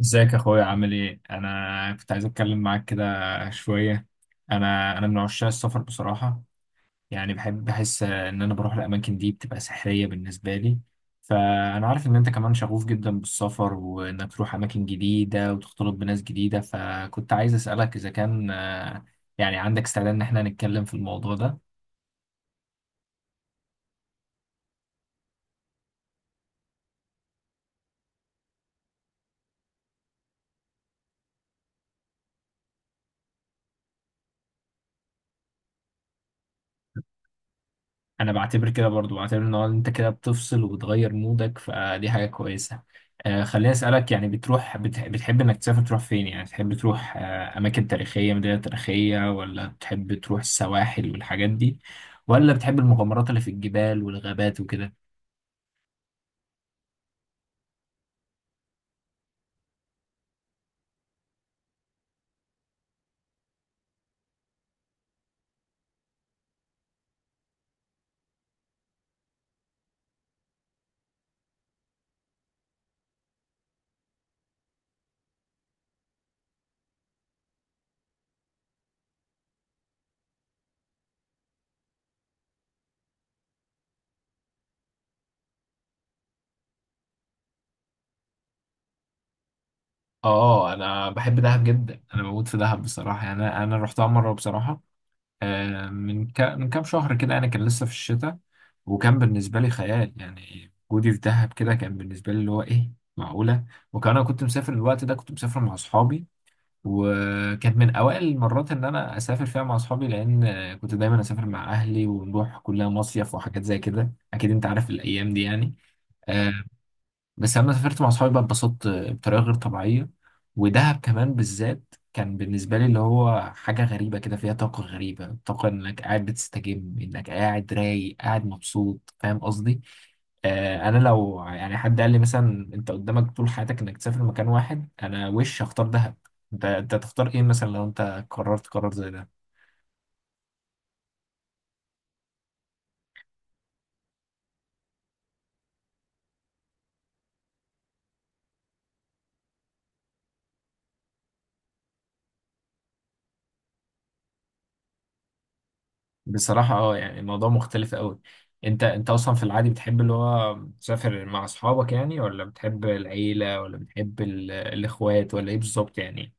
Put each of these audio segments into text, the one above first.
ازيك يا اخويا، عامل ايه؟ انا كنت عايز اتكلم معاك كده شويه. انا من عشاق السفر بصراحه. يعني بحب، بحس ان انا بروح الاماكن دي، بتبقى سحريه بالنسبه لي. فانا عارف ان انت كمان شغوف جدا بالسفر، وانك تروح اماكن جديده وتختلط بناس جديده. فكنت عايز اسالك اذا كان يعني عندك استعداد ان احنا نتكلم في الموضوع ده. انا بعتبر كده، برضو بعتبر ان هو انت كده بتفصل وبتغير مودك، فدي حاجة كويسة. آه، خليني اسألك، يعني بتروح، بتحب انك تسافر، تروح فين؟ يعني تحب تروح اماكن تاريخية، مدينة تاريخية، ولا بتحب تروح السواحل والحاجات دي؟ ولا بتحب المغامرات اللي في الجبال والغابات وكده؟ اه، انا بحب دهب جدا، انا بموت في دهب بصراحة. يعني انا رحتها مرة بصراحة، من كام شهر كده. انا كان لسه في الشتاء. وكان بالنسبه لي خيال، يعني وجودي في دهب كده كان بالنسبه لي اللي هو ايه، معقوله. وكان انا كنت مسافر الوقت ده، كنت مسافر مع اصحابي. وكانت من اوائل المرات ان انا اسافر فيها مع اصحابي، لان كنت دايما اسافر مع اهلي، ونروح كلها مصيف وحاجات زي كده، اكيد انت عارف الايام دي يعني. آه، بس لما سافرت مع صحابي بقى، اتبسطت بطريقة غير طبيعية. ودهب كمان بالذات كان بالنسبة لي اللي هو حاجة غريبة، كده فيها طاقة غريبة، طاقة إنك قاعد بتستجم، إنك قاعد رايق، قاعد مبسوط. فاهم قصدي؟ آه، أنا لو يعني حد قال لي مثلا: أنت قدامك طول حياتك إنك تسافر مكان واحد، أنا وش هختار؟ دهب. أنت تختار إيه مثلا لو أنت قررت قرار زي ده؟ بصراحة اه، يعني الموضوع مختلف قوي. انت اصلا في العادي بتحب اللي هو تسافر مع اصحابك يعني، ولا بتحب العيلة، ولا بتحب الاخوات، ولا ايه بالظبط يعني؟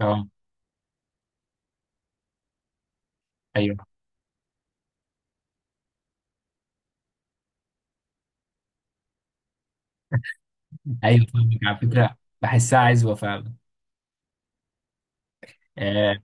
اه، ايوه، ايوه، فاهمك على فكرة. بحسها عزوة فعلا. آه،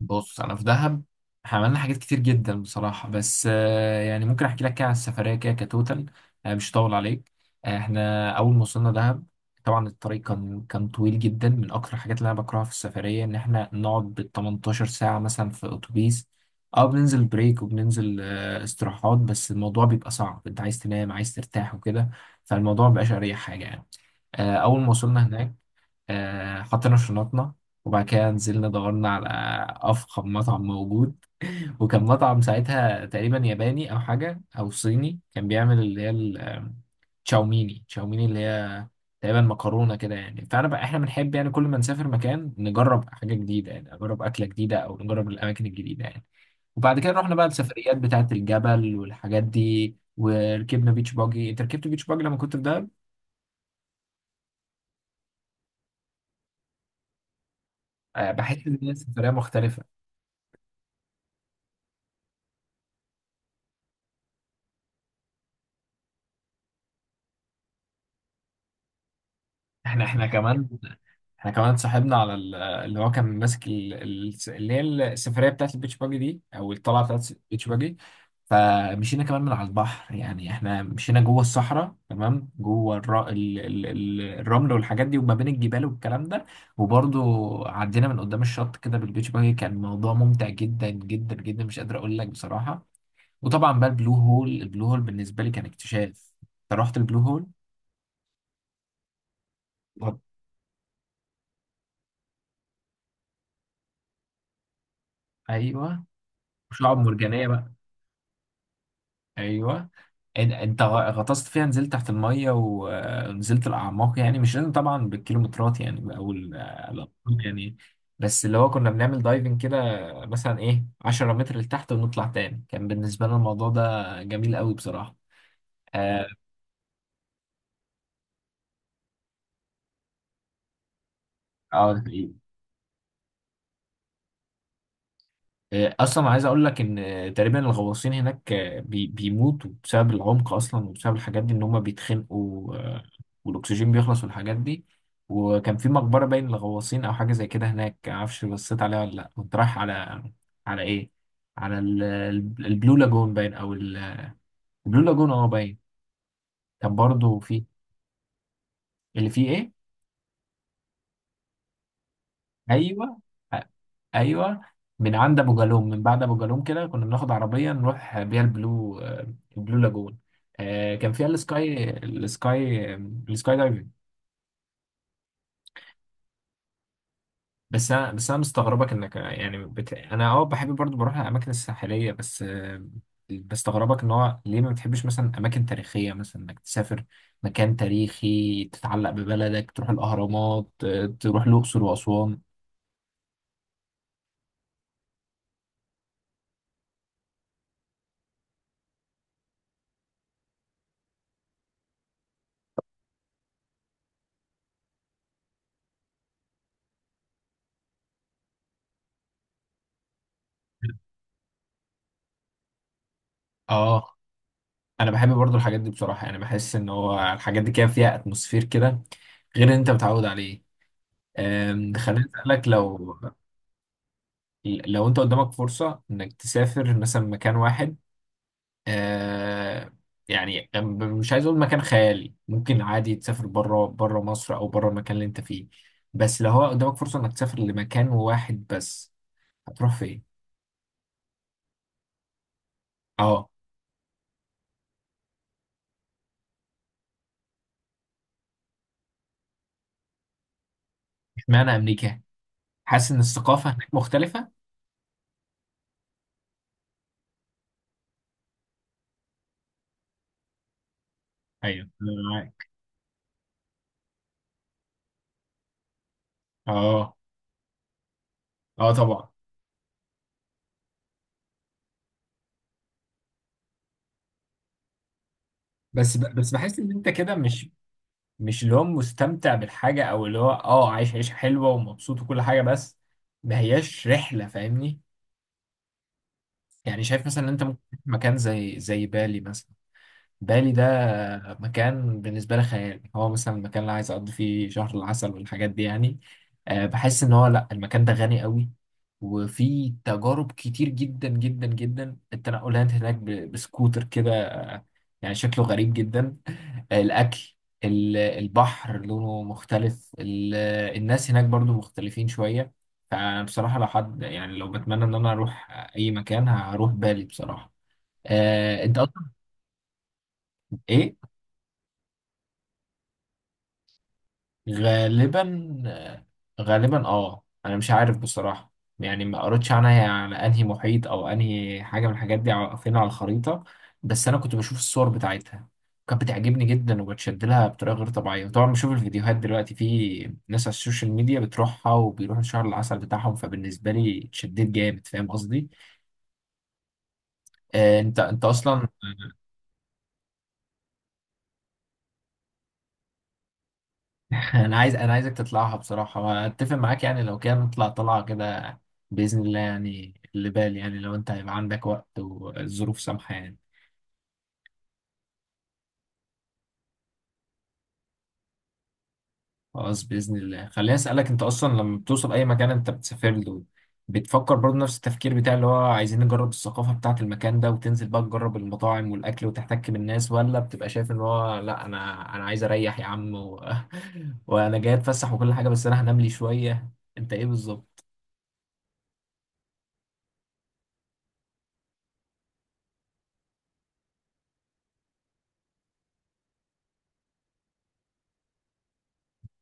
بص، انا في دهب، احنا عملنا حاجات كتير جدا بصراحه، بس يعني ممكن احكي لك كده عن السفريه كده كتوتال. مش هطول عليك. احنا اول ما وصلنا دهب، طبعا الطريق كان طويل جدا. من اكتر الحاجات اللي انا بكرهها في السفريه ان احنا نقعد بال 18 ساعه مثلا في اتوبيس. اه، بننزل بريك، وبننزل استراحات، بس الموضوع بيبقى صعب، انت عايز تنام، عايز ترتاح وكده. فالموضوع مبقاش اريح حاجه يعني. اول ما وصلنا هناك، حطينا شنطنا. وبعد كده نزلنا، دورنا على أفخم مطعم موجود. وكان مطعم ساعتها تقريبا ياباني، أو حاجة، أو صيني، كان بيعمل اللي هي تشاوميني اللي هي تقريبا مكرونة كده يعني. فأنا بقى، إحنا بنحب يعني كل ما نسافر مكان نجرب حاجة جديدة، يعني نجرب أكلة جديدة أو نجرب الأماكن الجديدة يعني. وبعد كده رحنا بقى السفريات بتاعة الجبل والحاجات دي، وركبنا بيتش باجي. أنت ركبت بيتش باجي لما كنت في دهب؟ بحس إن هي سفرية مختلفة. احنا احنا كمان احنا كمان صاحبنا على اللي هو كان ماسك اللي هي السفريه بتاعت البيتش باجي دي، او الطلعه بتاعت البيتش باجي. فمشينا كمان من على البحر، يعني احنا مشينا جوه الصحراء تمام، جوه الرمل والحاجات دي، وما بين الجبال والكلام ده. وبرضو عدينا من قدام الشط كده بالبيتش باجي. كان موضوع ممتع جدا جدا جدا، مش قادر اقول لك بصراحه. وطبعا بقى البلو هول بالنسبه لي كان اكتشاف. انت رحت البلو هول؟ طب. ايوه، وشعب مرجانيه بقى. ايوه. انت غطست فيها، نزلت تحت الميه، ونزلت الاعماق يعني. مش لازم طبعا بالكيلومترات يعني، او الأرقام يعني. بس اللي هو كنا بنعمل دايفنج كده، مثلا ايه، 10 متر لتحت، ونطلع تاني. كان بالنسبه لنا الموضوع ده جميل قوي بصراحه. اه. آه، اصلا عايز اقول لك ان تقريبا الغواصين هناك بيموتوا بسبب العمق اصلا، وبسبب الحاجات دي ان هم بيتخنقوا، والاكسجين بيخلص والحاجات دي. وكان في مقبره باين للغواصين او حاجه زي كده هناك، معرفش، بصيت عليها ولا لا. كنت رايح على، على ايه، على البلو لاجون باين، او البلو لاجون اه باين. كان برضه في اللي فيه ايه. ايوه، ايوه. من عند ابو جالوم، من بعد ابو جالوم كده، كنا بناخد عربيه نروح بيها البلو البلو لاجون. كان فيها السكاي دايفنج. بس انا مستغربك انك يعني، انا اه بحب برضو بروح الاماكن الساحليه، بس بستغربك ان هو ليه ما بتحبش مثلا اماكن تاريخيه، مثلا انك تسافر مكان تاريخي تتعلق ببلدك، تروح الاهرامات، تروح الاقصر واسوان. اه، انا بحب برضو الحاجات دي بصراحه. يعني بحس ان هو الحاجات دي كده فيها اتموسفير كده، غير اللي انت متعود عليه. خليني اسالك، لو انت قدامك فرصه انك تسافر مثلا مكان واحد، أه، يعني مش عايز اقول مكان خيالي، ممكن عادي تسافر بره مصر، او بره المكان اللي انت فيه. بس لو هو قدامك فرصه انك تسافر لمكان واحد بس، هتروح فين؟ اه. اشمعنى امريكا؟ حاسس ان الثقافه هناك مختلفه؟ ايوه، أنا معاك. اه، اه، طبعا. بس بس بحس ان انت كده مش، مش اللي هو مستمتع بالحاجه، او اللي هو اه عايش عيشه حلوه ومبسوط وكل حاجه، بس ما هياش رحله، فاهمني. يعني شايف مثلا ان انت ممكن تروح مكان زي بالي مثلا. بالي ده مكان بالنسبة لي خيال. هو مثلا المكان اللي عايز أقضي فيه شهر العسل والحاجات دي يعني. بحس إن هو، لأ، المكان ده غني قوي. وفي تجارب كتير جدا جدا جدا. التنقلات هناك بسكوتر كده، يعني شكله غريب جدا. الأكل، البحر لونه مختلف، الناس هناك برضو مختلفين شوية. فبصراحة لو حد، يعني لو بتمنى إن أنا أروح أي مكان، هروح بالي بصراحة. أنت أصلا. إيه؟ غالبا. غالبا اه، انا مش عارف بصراحة. يعني ما قريتش عنها، هي على انهي محيط او انهي حاجة من الحاجات دي، فين على الخريطة. بس انا كنت بشوف الصور بتاعتها، كانت بتعجبني جدا وبتشد لها بطريقة غير طبيعية. وطبعا بشوف الفيديوهات دلوقتي، في ناس على السوشيال ميديا بتروحها، وبيروحوا شهر العسل بتاعهم، فبالنسبة لي اتشددت جامد، فاهم قصدي؟ آه. انت اصلا. انا عايز، عايزك تطلعها بصراحه، واتفق معاك يعني، لو كان نطلع طلعه كده باذن الله يعني، اللي بالي يعني، لو انت هيبقى عندك وقت والظروف سامحه يعني. خلاص، باذن الله. خليني اسالك: انت اصلا لما بتوصل اي مكان انت بتسافر له، بتفكر برضه نفس التفكير بتاع اللي هو عايزين نجرب الثقافه بتاعه المكان ده، وتنزل بقى تجرب المطاعم والاكل وتحتك بالناس، ولا بتبقى شايف ان هو لا، انا عايز اريح يا عم، و... وانا جاي اتفسح وكل حاجه، بس انا هنام لي شويه؟ انت ايه بالظبط؟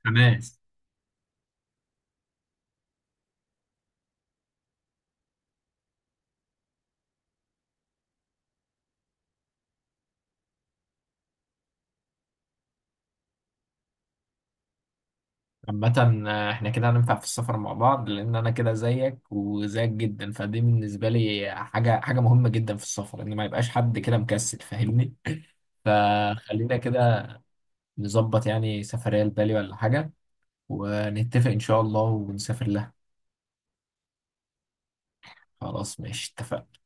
حماس. عامة احنا كده هننفع في السفر مع بعض، لأن أنا كده زيك وزيك جدا. فدي بالنسبة لي حاجة مهمة جدا في السفر، إن ما يبقاش حد كده مكسل، فاهمني. فخلينا كده نظبط يعني سفرية لبالي ولا حاجة، ونتفق إن شاء الله ونسافر لها. خلاص، ماشي، اتفقنا.